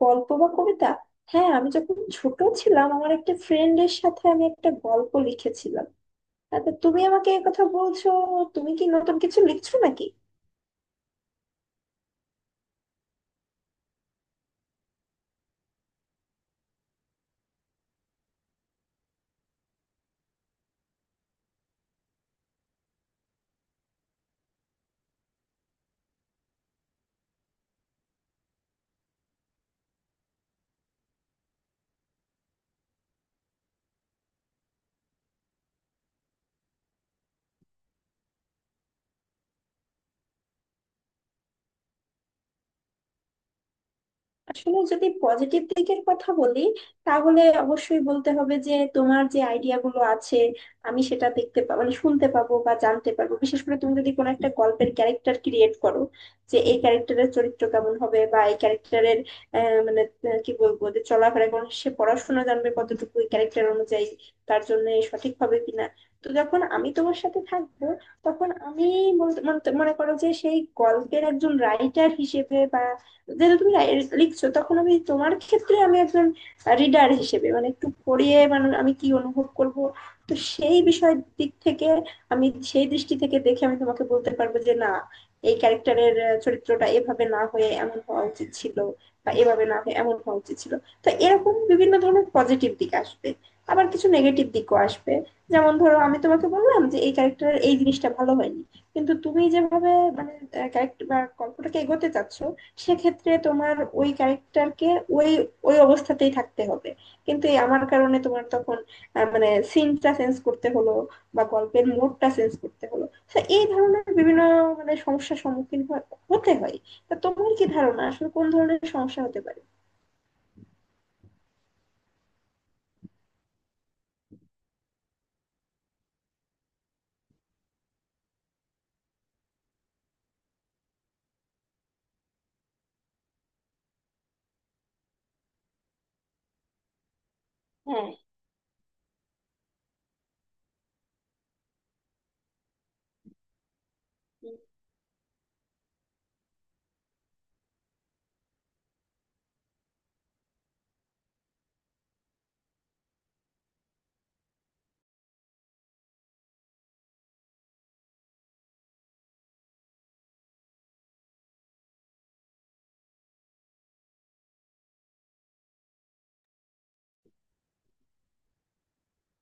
গল্প বা কবিতা? হ্যাঁ, আমি যখন ছোট ছিলাম আমার একটা ফ্রেন্ডের সাথে আমি একটা গল্প লিখেছিলাম। আচ্ছা, তুমি আমাকে এই কথা বলছো? তুমি কি নতুন কিছু লিখছো নাকি? আসলে যদি পজিটিভ দিকের কথা বলি, তাহলে অবশ্যই বলতে হবে যে তোমার যে আইডিয়া গুলো আছে আমি সেটা দেখতে পাবো, মানে শুনতে পাবো বা জানতে পারবো। বিশেষ করে তুমি যদি কোনো একটা গল্পের ক্যারেক্টার ক্রিয়েট করো যে এই ক্যারেক্টারের চরিত্র কেমন হবে বা এই ক্যারেক্টারের মানে কি বলবো, যে চলাফেরা কোন, সে পড়াশোনা জানবে কতটুকু, ক্যারেক্টার অনুযায়ী তার জন্য সঠিক হবে কিনা। তো যখন আমি তোমার সাথে থাকবো তখন আমি বলতে মানে মনে করো যে সেই গল্পের একজন রাইটার হিসেবে বা যেটা তুমি লিখছো, তখন আমি তোমার ক্ষেত্রে আমি একজন রিডার হিসেবে, মানে একটু পড়িয়ে মানে আমি কি অনুভব করব। তো সেই বিষয়ের দিক থেকে আমি সেই দৃষ্টি থেকে দেখে আমি তোমাকে বলতে পারবো যে না, এই ক্যারেক্টারের চরিত্রটা এভাবে না হয়ে এমন হওয়া উচিত ছিল, বা এভাবে না হয়ে এমন হওয়া উচিত ছিল। তো এরকম বিভিন্ন ধরনের পজিটিভ দিক আসবে, আবার কিছু নেগেটিভ দিকও আসবে। যেমন ধরো আমি তোমাকে বললাম যে এই ক্যারেক্টারের এই জিনিসটা ভালো হয়নি, কিন্তু তুমি যেভাবে মানে ক্যারেক্টার বা গল্পটাকে এগোতে চাচ্ছো, সেক্ষেত্রে তোমার ওই ক্যারেক্টারকে ওই ওই অবস্থাতেই থাকতে হবে। কিন্তু এই আমার কারণে তোমার তখন মানে সিনটা চেঞ্জ করতে হলো বা গল্পের মোডটা চেঞ্জ করতে হলো। তো এই ধরনের বিভিন্ন মানে সমস্যার হতে হয়। তা তোমার কি ধারণা আসলে কোন ধরনের সমস্যা হতে পারে? হ্যাঁ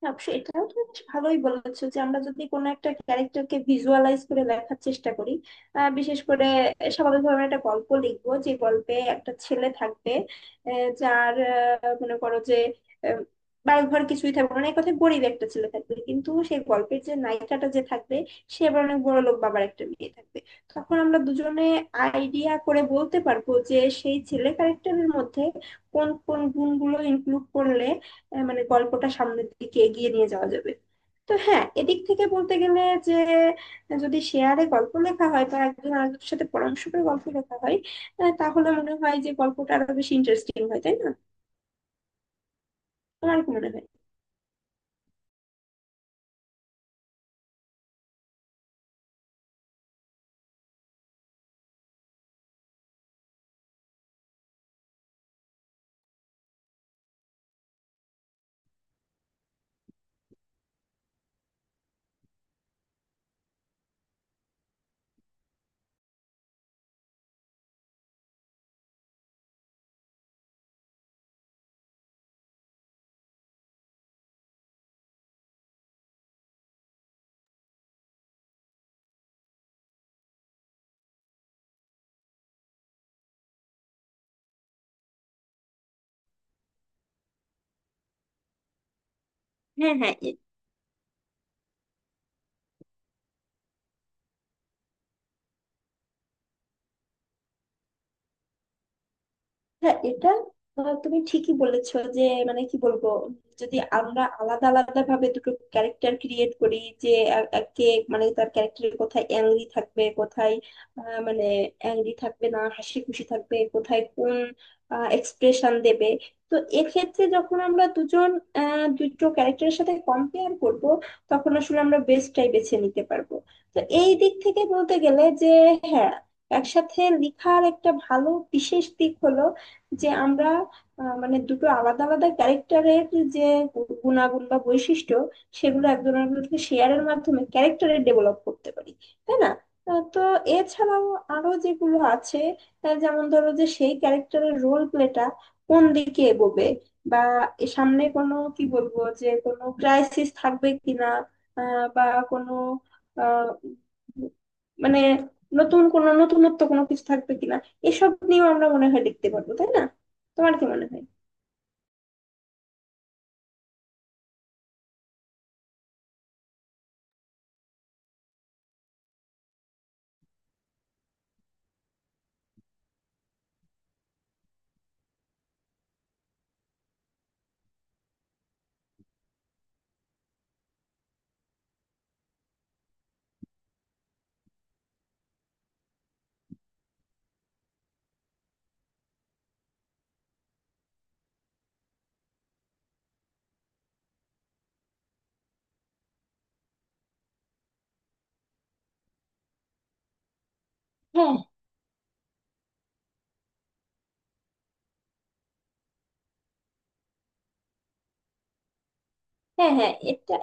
হ্যাঁ, অবশ্য এটাও তুমি বেশ ভালোই বলেছো যে আমরা যদি কোনো একটা ক্যারেক্টারকে ভিজুয়ালাইজ করে লেখার চেষ্টা করি। বিশেষ করে স্বাভাবিকভাবে আমরা একটা গল্প লিখবো যে গল্পে একটা ছেলে থাকবে, যার মনে করো যে আহ, বাড়ি ঘর কিছুই থাকবে না, মানে এক কথায় গরিব একটা ছেলে থাকবে। কিন্তু সেই গল্পের যে নায়িকাটা যে থাকবে, সে আবার অনেক বড় লোক বাবার একটা মেয়ে থাকবে। তখন আমরা দুজনে আইডিয়া করে বলতে পারবো যে সেই ছেলে ক্যারেক্টারের মধ্যে কোন কোন গুণগুলো ইনক্লুড করলে মানে গল্পটা সামনের দিকে এগিয়ে নিয়ে যাওয়া যাবে। তো হ্যাঁ, এদিক থেকে বলতে গেলে যে যদি শেয়ারে গল্প লেখা হয় বা একজন আরেকজনের সাথে পরামর্শ করে গল্প লেখা হয়, তাহলে মনে হয় যে গল্পটা আরো বেশি ইন্টারেস্টিং হয়, তাই না? তোমার কি মনে হয়? হ্যাঁ, হ্যাঁ। হ্যাঁ এটা তুমি ঠিকই বলেছো যে মানে কি বলবো, যদি আমরা আলাদা আলাদা ভাবে দুটো ক্যারেক্টার ক্রিয়েট করি যে একে মানে তার ক্যারেক্টারের কোথায় অ্যাংরি থাকবে কোথায় মানে অ্যাংরি থাকবে না হাসি খুশি থাকবে, কোথায় কোন এক্সপ্রেশন দেবে। তো এক্ষেত্রে যখন আমরা দুজন দুটো ক্যারেক্টারের সাথে কম্পেয়ার করব, তখন আসলে আমরা বেস্টটাই বেছে নিতে পারবো। তো এই দিক থেকে বলতে গেলে যে হ্যাঁ, একসাথে লেখার একটা ভালো বিশেষ দিক হলো যে আমরা মানে দুটো আলাদা আলাদা ক্যারেক্টারের যে গুণাগুণ বা বৈশিষ্ট্য, সেগুলো একজন আরেকজনকে শেয়ারের মাধ্যমে ক্যারেক্টারের ডেভেলপ করতে পারি, তাই না? তো এছাড়াও আরো যেগুলো আছে, যেমন ধরো যে সেই ক্যারেক্টারের রোল প্লেটা কোন দিকে এগোবে, বা এ সামনে কোনো কি বলবো, যে কোনো ক্রাইসিস থাকবে কিনা, বা কোনো আহ, মানে নতুন কোনো নতুনত্ব কোনো কিছু থাকবে কিনা, এসব নিয়েও আমরা মনে হয় লিখতে পারবো, তাই না? তোমার কি মনে হয়? হ্যাঁ, হ্যাঁ।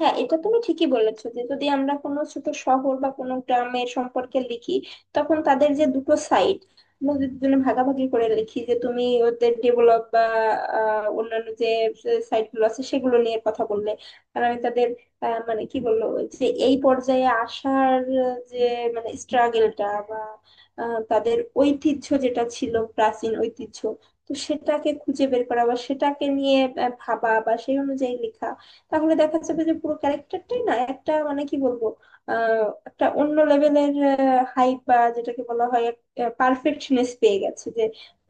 হ্যাঁ, এটা তুমি ঠিকই বলেছো যে যদি আমরা কোনো ছোট শহর বা কোনো গ্রামের সম্পর্কে লিখি, তখন তাদের যে দুটো সাইড আমরা যদি দুজনে ভাগাভাগি করে লিখি, যে তুমি ওদের ডেভেলপ বা অন্যান্য যে সাইট গুলো আছে সেগুলো নিয়ে কথা বললে, আর আমি তাদের মানে কি বললো, যে এই পর্যায়ে আসার যে মানে স্ট্রাগেলটা বা তাদের ঐতিহ্য যেটা ছিল প্রাচীন ঐতিহ্য, তো সেটাকে খুঁজে বের করা বা সেটাকে নিয়ে ভাবা বা সেই অনুযায়ী লেখা। তাহলে দেখা যাবে যে পুরো ক্যারেক্টারটাই না একটা মানে কি বলবো, একটা অন্য লেভেলের হাইপ বা যেটাকে বলা হয় পারফেকশনেস পেয়ে গেছে, যে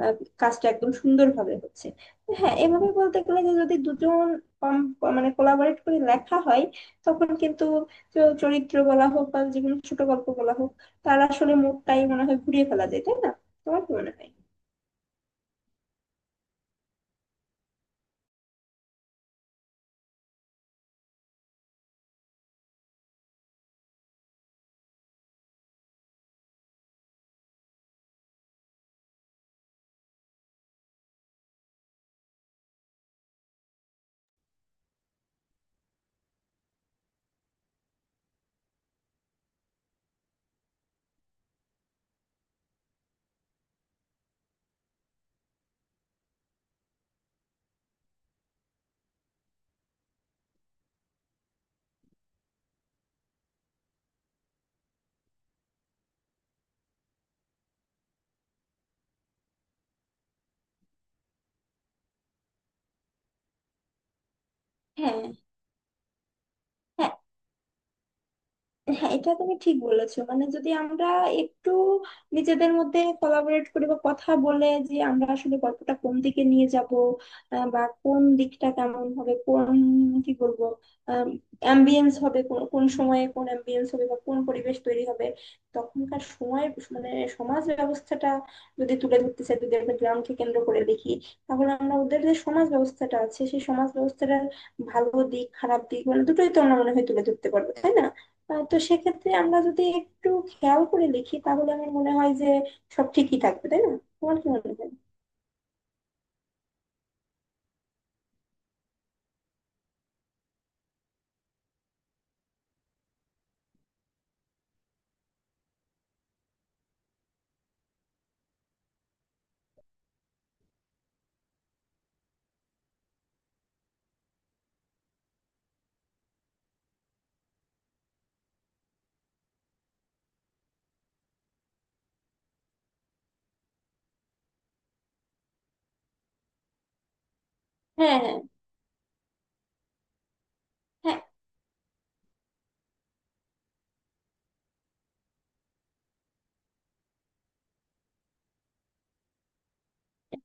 আহ, কাজটা একদম সুন্দরভাবে হচ্ছে। তো হ্যাঁ, এভাবে বলতে গেলে যে যদি দুজন কম- মানে কোলাবরেট করে লেখা হয়, তখন কিন্তু চরিত্র বলা হোক বা যে কোনো ছোট গল্প বলা হোক, তার আসলে মুডটাই মনে হয় ঘুরিয়ে ফেলা যায়, তাই না? তোমার কি মনে হয়? হ্যাঁ, হ্যাঁ। হ্যাঁ এটা তুমি ঠিক বলেছো, মানে যদি আমরা একটু নিজেদের মধ্যে কোলাবরেট করি বা কথা বলে যে আমরা আসলে গল্পটা কোন দিকে নিয়ে যাব, বা কোন দিকটা কেমন হবে, কোন কি বলবো অ্যাম্বিয়েন্স হবে, কোন কোন সময়ে কোন অ্যাম্বিয়েন্স হবে বা কোন পরিবেশ তৈরি হবে, তখনকার সময়ের মানে সমাজ ব্যবস্থাটা যদি তুলে ধরতে চাই, যদি একটা গ্রামকে কেন্দ্র করে দেখি, তাহলে আমরা ওদের যে সমাজ ব্যবস্থাটা আছে সেই সমাজ ব্যবস্থাটার ভালো দিক খারাপ দিক মানে দুটোই তো আমরা মনে হয় তুলে ধরতে পারবো, তাই না? তো সেক্ষেত্রে আমরা যদি একটু খেয়াল করে লিখি, তাহলে আমার মনে হয় যে সব ঠিকই থাকবে, তাই না? তোমার কি মনে হয়? হ্যাঁ, হ্যাঁ। হ্যাঁ,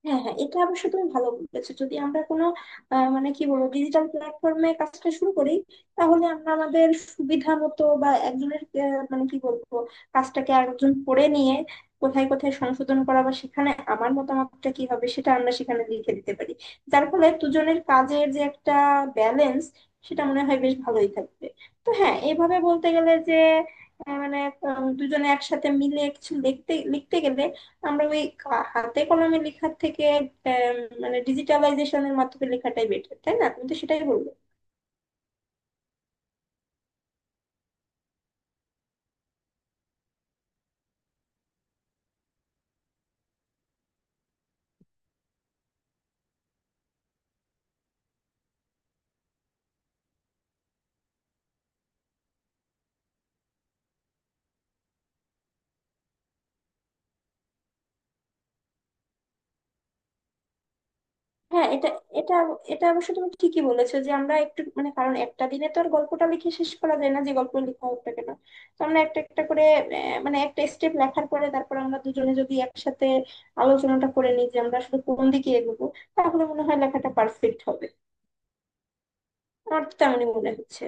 হ্যাঁ, হ্যাঁ, এটা অবশ্য তুমি ভালো বলেছো। যদি আমরা কোনো মানে কি বলবো ডিজিটাল প্ল্যাটফর্মে কাজটা শুরু করি, তাহলে আমরা আমাদের সুবিধা মতো বা একজনের মানে কি বলবো কাজটাকে আরেকজন পড়ে নিয়ে কোথায় কোথায় সংশোধন করা বা সেখানে আমার মতামতটা কি হবে সেটা আমরা সেখানে লিখে দিতে পারি, যার ফলে দুজনের কাজের যে একটা ব্যালেন্স সেটা মনে হয় বেশ ভালোই থাকবে। তো হ্যাঁ, এভাবে বলতে গেলে যে মানে দুজনে একসাথে মিলে কিছু লিখতে লিখতে গেলে আমরা ওই হাতে কলমে লেখার থেকে আম, মানে ডিজিটালাইজেশনের মাধ্যমে লেখাটাই বেটার, তাই না? তুমি তো সেটাই বললে। হ্যাঁ এটা এটা এটা অবশ্য তুমি ঠিকই বলেছো যে আমরা একটু মানে, কারণ একটা দিনে তো আর গল্পটা লিখে শেষ করা যায় না, যে গল্প লেখা হোক না কেন। তো আমরা একটা একটা করে মানে একটা স্টেপ লেখার পরে তারপর আমরা দুজনে যদি একসাথে আলোচনাটা করে নিই যে আমরা আসলে কোন দিকে এগোবো, তাহলে মনে হয় লেখাটা পারফেক্ট হবে। আমার তো তেমনই মনে হচ্ছে।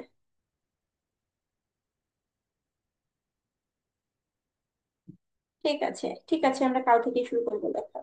ঠিক আছে, ঠিক আছে, আমরা কাল থেকেই শুরু করবো লেখা।